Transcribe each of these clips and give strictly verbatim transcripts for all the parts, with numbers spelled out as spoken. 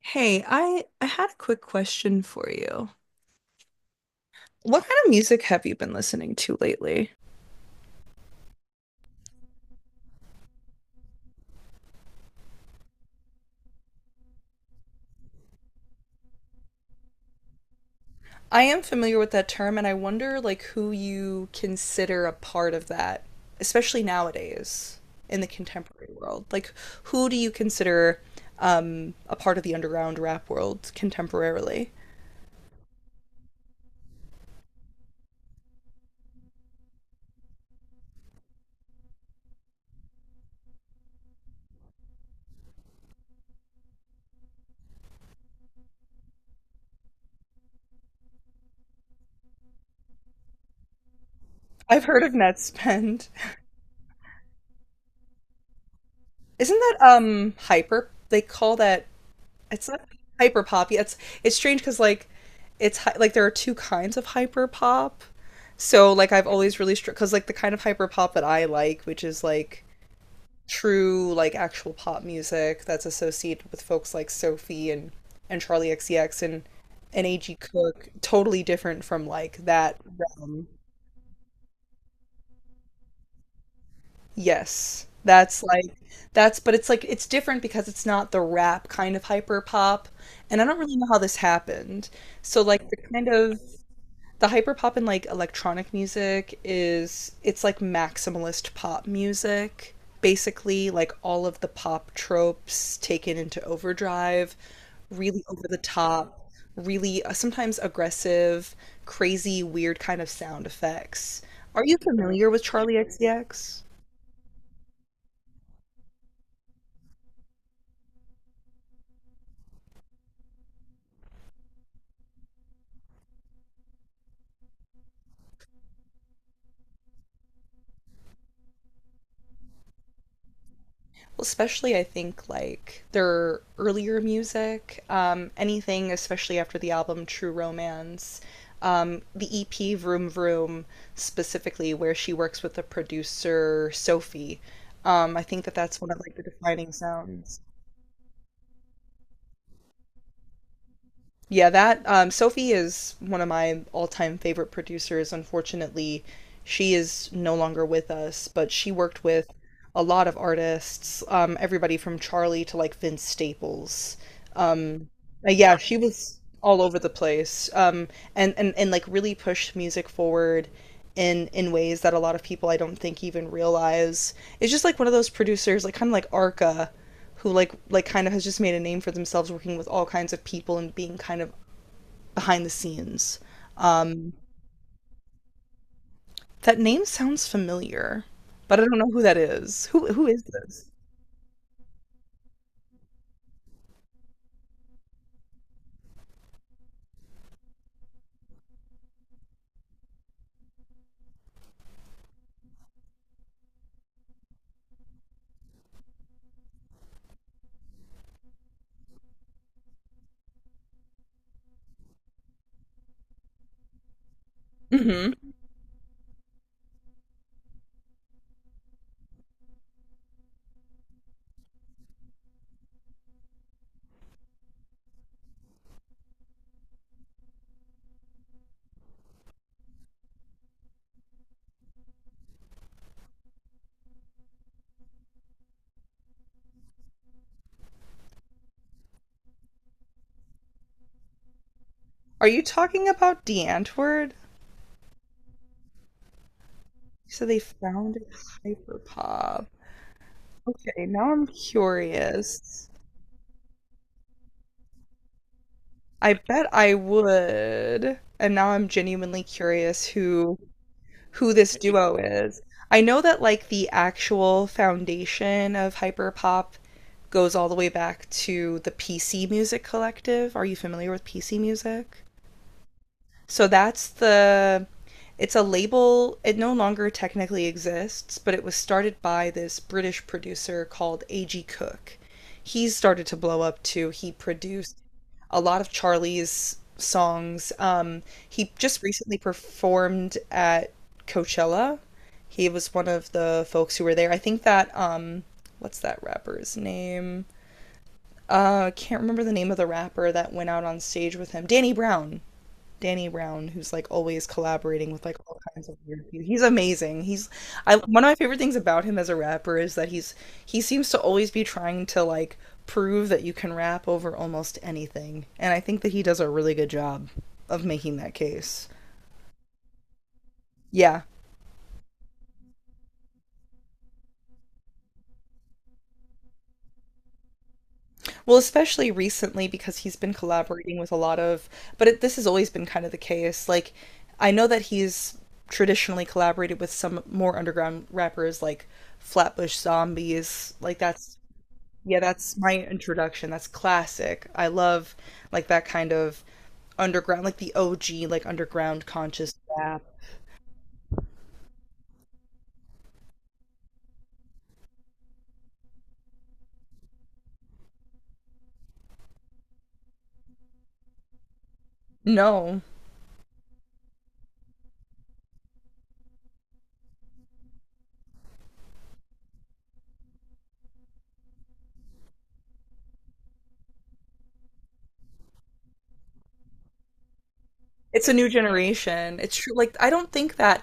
Hey, I I had a quick question for you. What kind of music have you been listening to lately? I am familiar with that term, and I wonder like who you consider a part of that, especially nowadays in the contemporary world. Like, who do you consider um, a part of the underground rap world contemporarily? I've heard of Netspend. Isn't that um hyper? They call that it's not hyper pop. Yeah, It's it's strange because like it's hy- like there are two kinds of hyper pop. So like I've always really str because like the kind of hyper pop that I like, which is like true like actual pop music that's associated with folks like Sophie and and Charlie X C X and and A G. Cook, totally different from like that. Yes, that's like that's, but it's like it's different because it's not the rap kind of hyper pop, and I don't really know how this happened. So like the kind of the hyperpop and like electronic music is it's like maximalist pop music. Basically, like all of the pop tropes taken into overdrive, really over the top, really uh, sometimes aggressive, crazy, weird kind of sound effects. Are you familiar with Charlie X C X? Especially I think like their earlier music, um, anything especially after the album True Romance, um, the E P Vroom Vroom, specifically where she works with the producer Sophie. Um, I think that that's one of like the defining sounds. Yeah, that um, Sophie is one of my all-time favorite producers. Unfortunately, she is no longer with us, but she worked with a lot of artists, um, everybody from Charlie to like Vince Staples. Uh, yeah, she was all over the place, um, and, and and like really pushed music forward in in ways that a lot of people I don't think even realize. It's just like one of those producers, like kind of like Arca, who like like kind of has just made a name for themselves working with all kinds of people and being kind of behind the scenes. Um, that name sounds familiar, but I don't know who that is. Who who is this? Mm-hmm. Are you talking about DeAntword? You said they founded Hyperpop. Okay, now I'm curious. I bet I would. And now I'm genuinely curious who who this duo is. I know that like the actual foundation of hyperpop goes all the way back to the P C Music Collective. Are you familiar with P C Music? So that's the it's a label. It no longer technically exists, but it was started by this British producer called A G. Cook. He's started to blow up too. He produced a lot of Charlie's songs. Um, he just recently performed at Coachella. He was one of the folks who were there. I think that um, What's that rapper's name? Uh, I can't remember the name of the rapper that went out on stage with him. Danny Brown. Danny Brown, who's like always collaborating with like all kinds of weird people. He's amazing. He's I one of my favorite things about him as a rapper is that he's he seems to always be trying to like prove that you can rap over almost anything. And I think that he does a really good job of making that case. Yeah. Well, especially recently because he's been collaborating with a lot of, but it, this has always been kind of the case. Like, I know that he's traditionally collaborated with some more underground rappers like Flatbush Zombies. Like, that's yeah, that's my introduction. That's classic. I love like that kind of underground, like the O G, like underground conscious rap. No, it's a new generation. It's true. Like I don't think that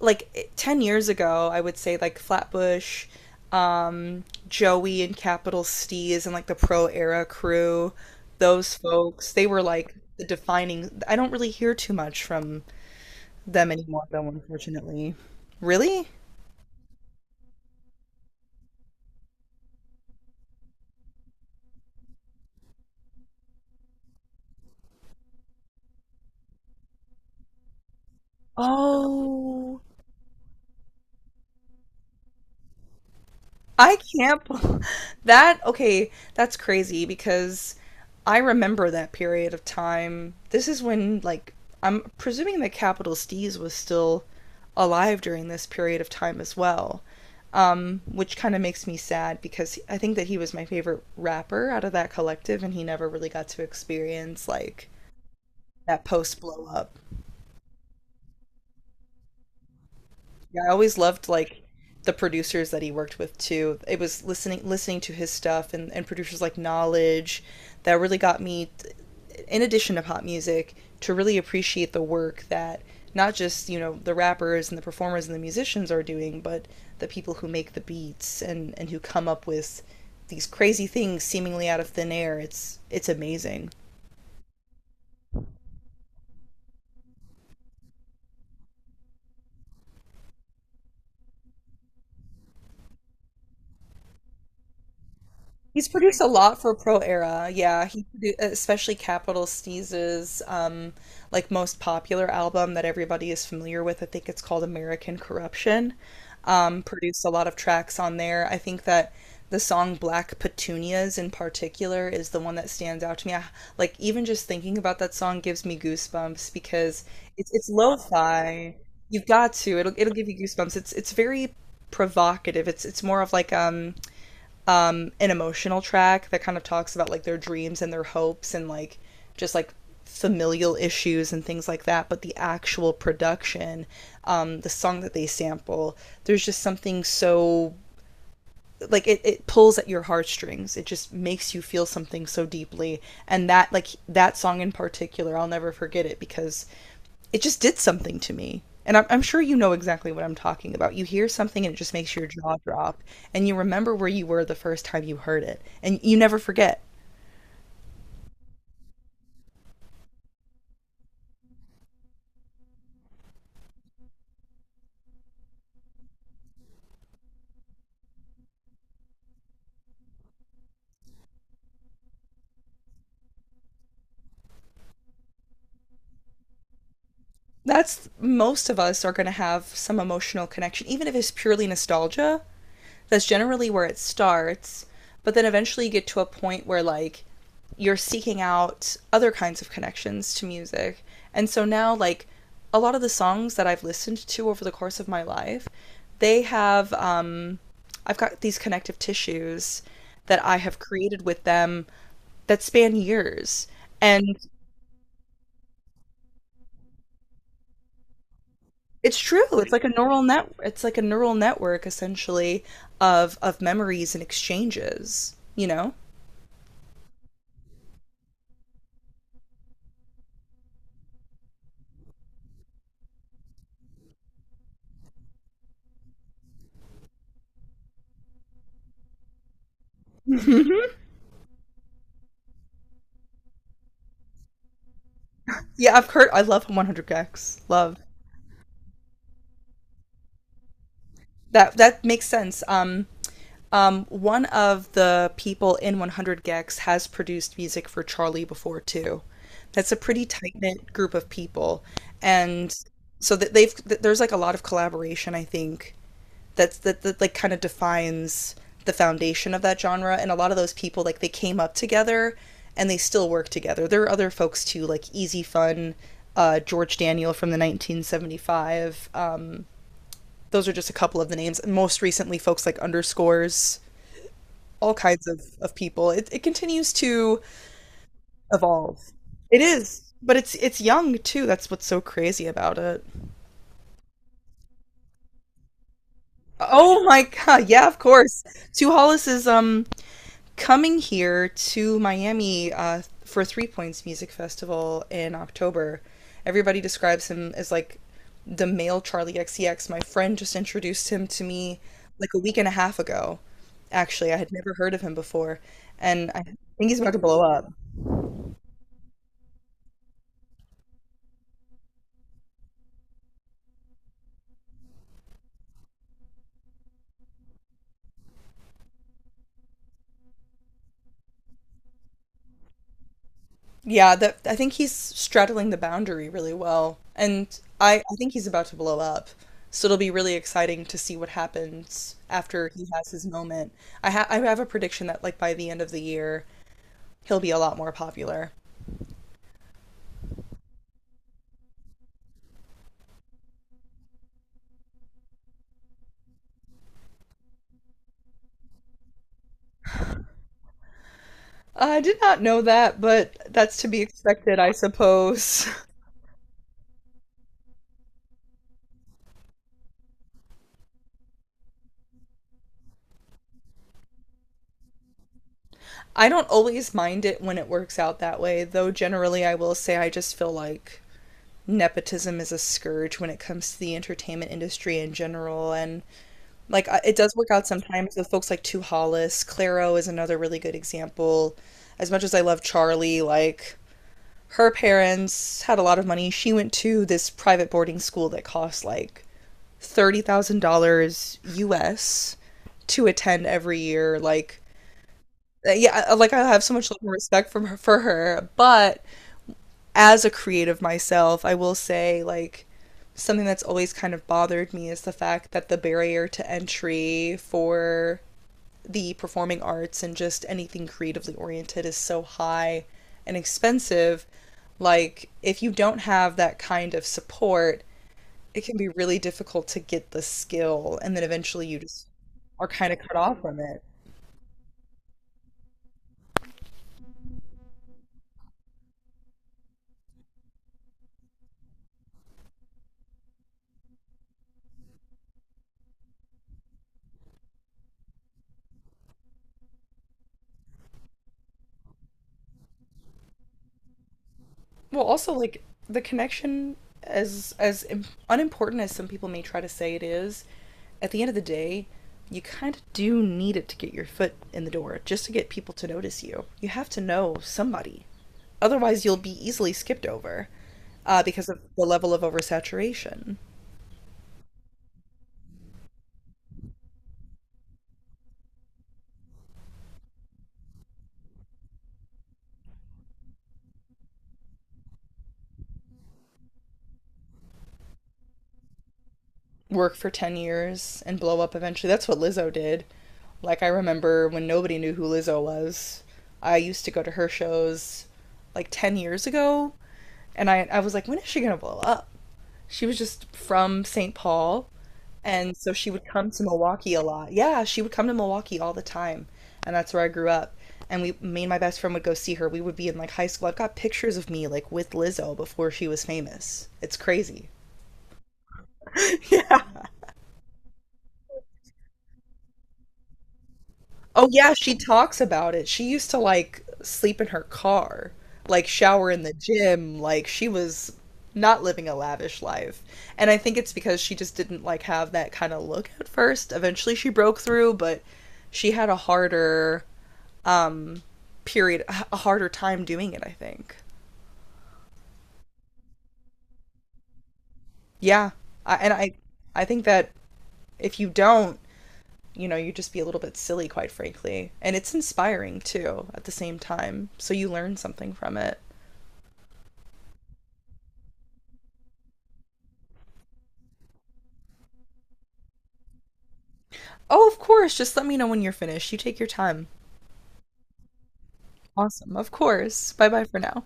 like it- ten years ago, I would say like Flatbush, um, Joey and Capital Steez and like the Pro Era crew, those folks, they were like the defining. I don't really hear too much from them anymore, though, unfortunately. Really? Oh, I can't. bel- That, okay, that's crazy because I remember that period of time. This is when, like, I'm presuming that Capital Steez was still alive during this period of time as well, um, which kind of makes me sad because I think that he was my favorite rapper out of that collective and he never really got to experience, like, that post blow up. Yeah, I always loved like the producers that he worked with too. It was listening listening to his stuff, and, and producers like Knowledge, that really got me, in addition to pop music, to really appreciate the work that not just, you know, the rappers and the performers and the musicians are doing, but the people who make the beats and and who come up with these crazy things seemingly out of thin air. It's it's amazing. He's produced a lot for Pro Era. Yeah, he produ especially Capital Sneezes, um, like most popular album that everybody is familiar with. I think it's called American Corruption. Um, produced a lot of tracks on there. I think that the song Black Petunias in particular is the one that stands out to me. I, like even just thinking about that song gives me goosebumps because it's it's lo-fi. You've got to. It'll it'll give you goosebumps. It's it's very provocative. It's it's more of like um an emotional track that kind of talks about like their dreams and their hopes and like just like familial issues and things like that, but the actual production, um the song that they sample, there's just something so like it, it pulls at your heartstrings, it just makes you feel something so deeply. And that like that song in particular I'll never forget it because it just did something to me. And I'm, I'm sure you know exactly what I'm talking about. You hear something and it just makes your jaw drop, and you remember where you were the first time you heard it, and you never forget. That's most of us are going to have some emotional connection, even if it's purely nostalgia. That's generally where it starts. But then eventually you get to a point where, like, you're seeking out other kinds of connections to music. And so now, like, a lot of the songs that I've listened to over the course of my life, they have, um, I've got these connective tissues that I have created with them that span years. And it's true. It's like a neural net. It's like a neural network essentially of of memories and exchanges. You know. Yeah, I've heard. I love one hundred Gex. Love that. That makes sense. Um, um, one of the people in one hundred Gex has produced music for Charlie before too. That's a pretty tight knit group of people, and so that they've th- there's like a lot of collaboration. I think that's that, that like kind of defines the foundation of that genre. And a lot of those people like they came up together, and they still work together. There are other folks too, like Easy Fun, uh, George Daniel from the nineteen seventy-five. Um, Those are just a couple of the names. And Most recently, folks like underscores, all kinds of, of people. It, it continues to evolve. It is, but it's it's young too. That's what's so crazy about it. Oh my god! Yeah, of course. Sue Hollis is um coming here to Miami uh, for Three Points Music Festival in October. Everybody describes him as like the male Charlie X C X. My friend just introduced him to me like a week and a half ago. Actually, I had never heard of him before, and I think he's about to blow up. Yeah, that I think he's straddling the boundary really well. And I, I think he's about to blow up. So it'll be really exciting to see what happens after he has his moment. I ha I have a prediction that like by the end of the year, he'll be a lot more popular. I did not know that, but that's to be expected, I suppose. I don't always mind it when it works out that way, though generally I will say I just feel like nepotism is a scourge when it comes to the entertainment industry in general, and Like I- it does work out sometimes with folks like Tu Hollis. Claro is another really good example. As much as I love Charlie, like her parents had a lot of money. She went to this private boarding school that costs like thirty thousand dollars U S to attend every year. Like uh, yeah, I- like I have so much love and respect from her, for her, but as a creative myself, I will say like something that's always kind of bothered me is the fact that the barrier to entry for the performing arts and just anything creatively oriented is so high and expensive, like if you don't have that kind of support, it can be really difficult to get the skill, and then eventually you just are kind of cut off from it. Well, also like the connection, as as im- unimportant as some people may try to say it is, at the end of the day, you kind of do need it to get your foot in the door, just to get people to notice you. You have to know somebody, otherwise you'll be easily skipped over, uh, because of the level of oversaturation. Work for ten years and blow up eventually. That's what Lizzo did. Like I remember when nobody knew who Lizzo was. I used to go to her shows like ten years ago. And I, I was like, when is she going to blow up? She was just from Saint Paul. And so she would come to Milwaukee a lot. Yeah, she would come to Milwaukee all the time. And that's where I grew up. And we, me and my best friend would go see her. We would be in like high school. I've got pictures of me like with Lizzo before she was famous. It's crazy. Yeah. Oh yeah, she talks about it. She used to like sleep in her car, like shower in the gym, like she was not living a lavish life. And I think it's because she just didn't like have that kind of look at first. Eventually she broke through, but she had a harder um period, a harder time doing it, I think. Yeah. I, and I I think that if you don't, you know, you just be a little bit silly quite frankly. And it's inspiring too at the same time. So you learn something from it. Oh, of course. Just let me know when you're finished. You take your time. Awesome. Of course. Bye bye for now.